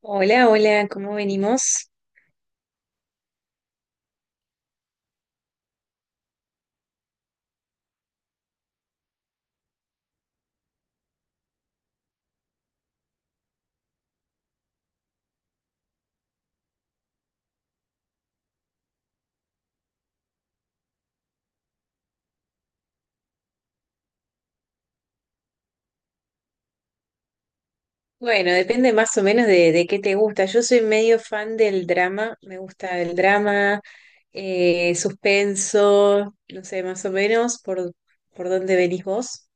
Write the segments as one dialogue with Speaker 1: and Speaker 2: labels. Speaker 1: Hola, hola, ¿cómo venimos? Bueno, depende más o menos de qué te gusta. Yo soy medio fan del drama, me gusta el drama, suspenso, no sé, más o menos por dónde venís vos.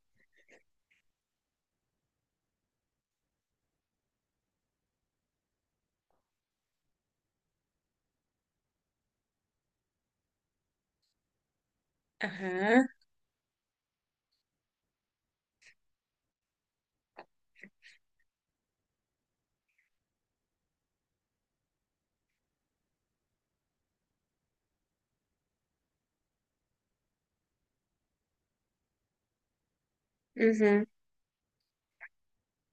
Speaker 1: Ajá. Ujú.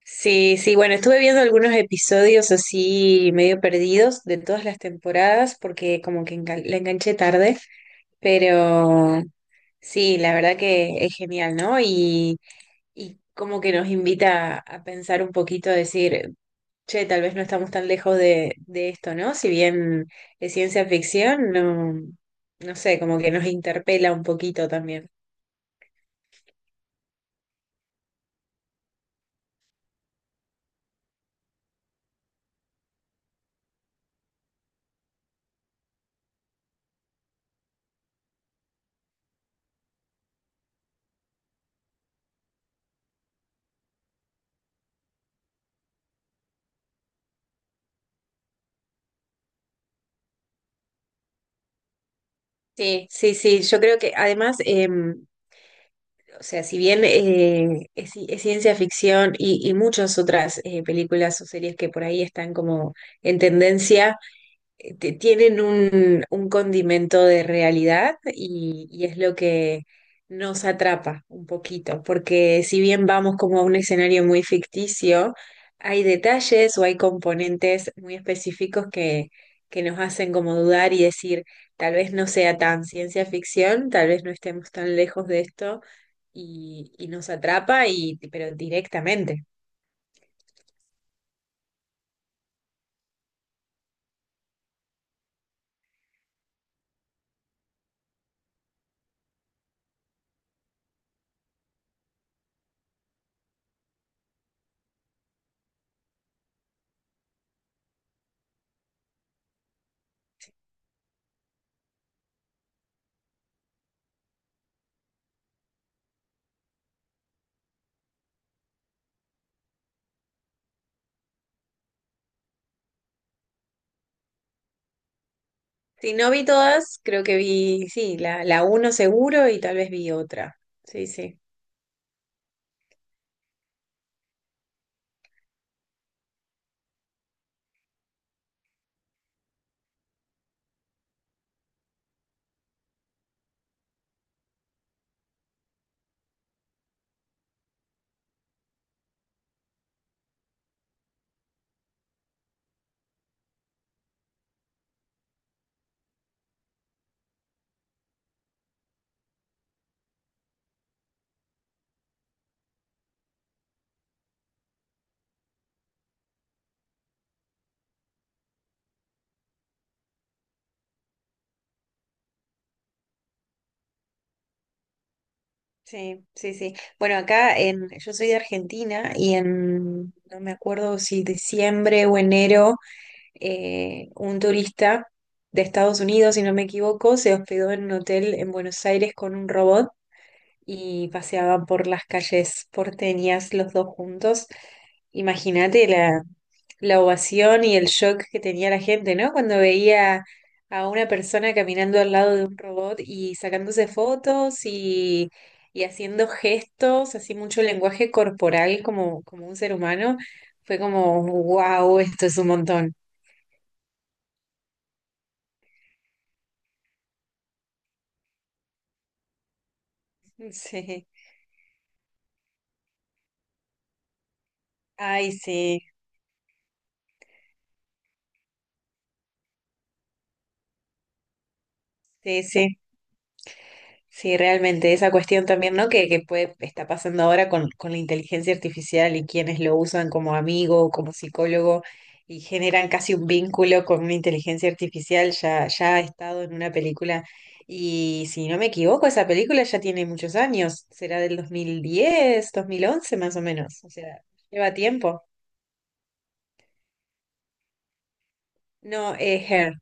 Speaker 1: Sí, sí, bueno, estuve viendo algunos episodios así medio perdidos de todas las temporadas porque como que la enganché tarde, pero sí, la verdad que es genial, ¿no? Y como que nos invita a pensar un poquito, a decir, che, tal vez no estamos tan lejos de esto, ¿no? Si bien es ciencia ficción, no, no sé, como que nos interpela un poquito también. Sí, sí, sí, yo creo que además, o sea, si bien es ciencia ficción y muchas otras películas o series que por ahí están como en tendencia, tienen un condimento de realidad y es lo que nos atrapa un poquito, porque si bien vamos como a un escenario muy ficticio, hay detalles o hay componentes muy específicos que nos hacen como dudar y decir, tal vez no sea tan ciencia ficción, tal vez no estemos tan lejos de esto y nos atrapa, y, pero directamente. Si no vi todas, creo que vi, sí, la uno seguro y tal vez vi otra. Sí, sí. Sí, sí, sí. Bueno, acá en, yo soy de Argentina y en, no me acuerdo si diciembre o enero, un turista de Estados Unidos, si no me equivoco, se hospedó en un hotel en Buenos Aires con un robot y paseaban por las calles porteñas los dos juntos. Imagínate la ovación y el shock que tenía la gente, ¿no? Cuando veía a una persona caminando al lado de un robot y sacándose fotos y haciendo gestos, así mucho lenguaje corporal como, como un ser humano, fue como, wow, esto es un montón. Sí. Ay, sí, sí, sí. Sí, realmente, esa cuestión también, ¿no? Que puede, está pasando ahora con la inteligencia artificial y quienes lo usan como amigo o como psicólogo, y generan casi un vínculo con una inteligencia artificial, ya, ya ha estado en una película, y si no me equivoco, esa película ya tiene muchos años, será del 2010, 2011 más o menos, o sea, lleva tiempo. No, Her.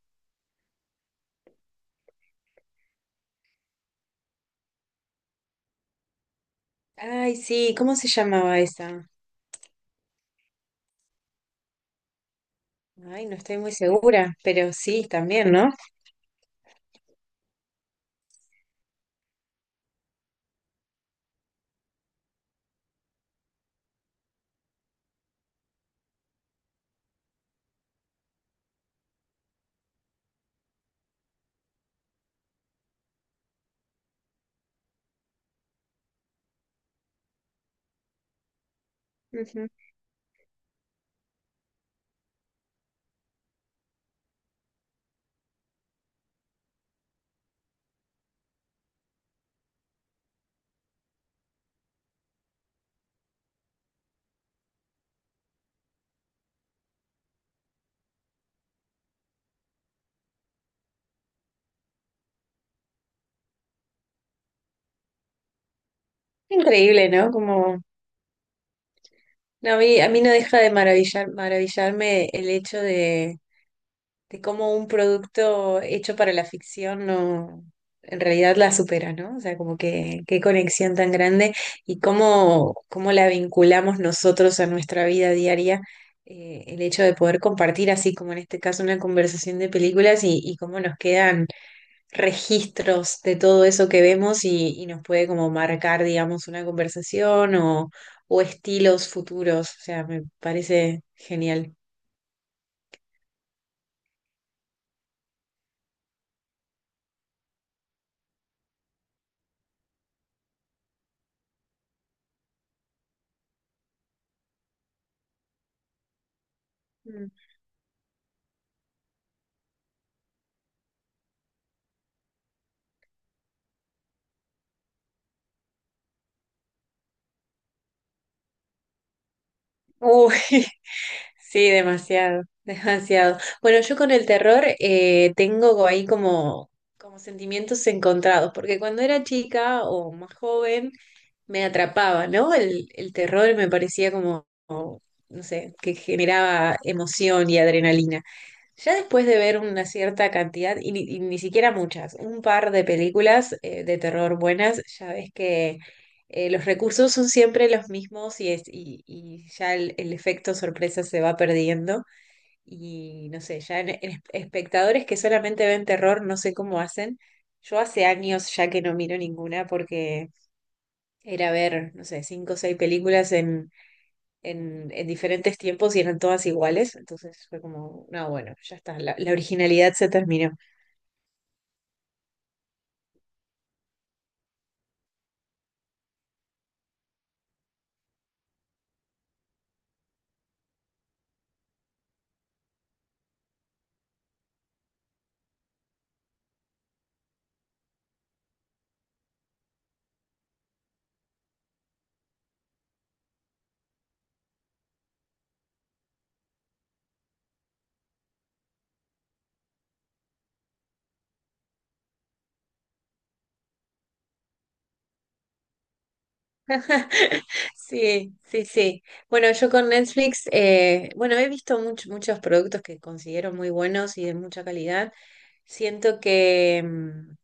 Speaker 1: Ay, sí, ¿cómo se llamaba esa? Ay, no estoy muy segura, pero sí, también, ¿no? Ujú. Increíble, ¿no? Como no, a mí no deja de maravillarme el hecho de cómo un producto hecho para la ficción no, en realidad la supera, ¿no? O sea, como que qué conexión tan grande y cómo, cómo la vinculamos nosotros a nuestra vida diaria, el hecho de poder compartir así como en este caso una conversación de películas y cómo nos quedan registros de todo eso que vemos y nos puede como marcar, digamos, una conversación o estilos futuros. O sea, me parece genial. Mm. Uy, sí, demasiado, demasiado. Bueno, yo con el terror tengo ahí como, como sentimientos encontrados, porque cuando era chica o más joven me atrapaba, ¿no? El terror me parecía como, como, no sé, que generaba emoción y adrenalina. Ya después de ver una cierta cantidad, y ni siquiera muchas, un par de películas de terror buenas, ya ves que los recursos son siempre los mismos y ya el efecto sorpresa se va perdiendo. Y no sé, espectadores que solamente ven terror, no sé cómo hacen. Yo hace años ya que no miro ninguna porque era ver, no sé, cinco o seis películas en diferentes tiempos y eran todas iguales. Entonces fue como, no, bueno, ya está, la originalidad se terminó. Sí, sí, sí. Bueno, yo con Netflix, bueno, he visto muchos productos que considero muy buenos y de mucha calidad. Siento que,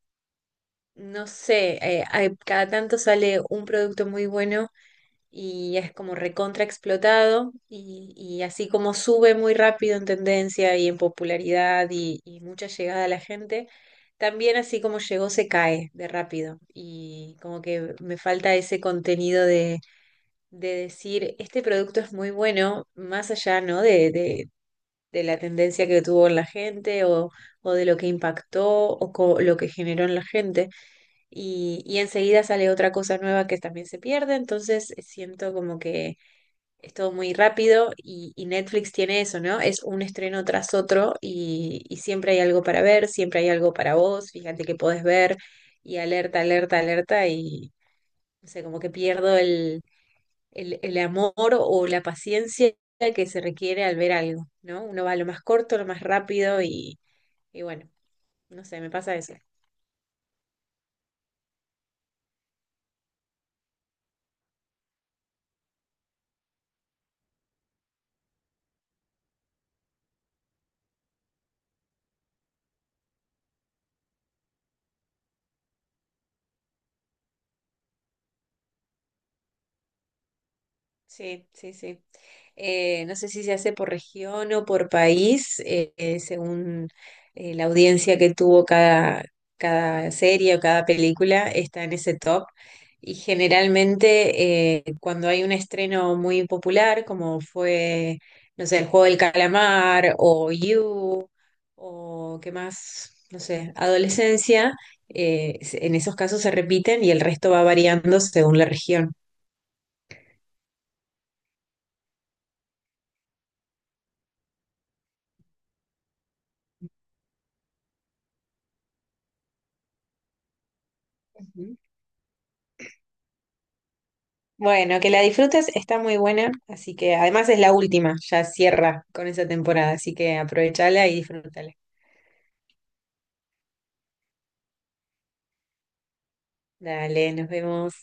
Speaker 1: no sé, cada tanto sale un producto muy bueno y es como recontra explotado y así como sube muy rápido en tendencia y en popularidad y mucha llegada a la gente, también así como llegó se cae de rápido y como que me falta ese contenido de decir, este producto es muy bueno, más allá, ¿no? De la tendencia que tuvo en la gente o de lo que impactó o lo que generó en la gente y enseguida sale otra cosa nueva que también se pierde, entonces siento como que es todo muy rápido y Netflix tiene eso, ¿no? Es un estreno tras otro y siempre hay algo para ver, siempre hay algo para vos, fíjate que podés ver y alerta, alerta, alerta y no sé, como que pierdo el amor o la paciencia que se requiere al ver algo, ¿no? Uno va a lo más corto, lo más rápido y bueno, no sé, me pasa eso. Sí, sí, sí. No sé si se hace por región o por país, según la audiencia que tuvo cada serie o cada película, está en ese top. Y generalmente cuando hay un estreno muy popular, como fue, no sé, El Juego del Calamar o You, o qué más, no sé, Adolescencia, en esos casos se repiten y el resto va variando según la región. Bueno, que la disfrutes, está muy buena, así que además es la última, ya cierra con esa temporada, así que aprovechala y disfrútala. Dale, nos vemos.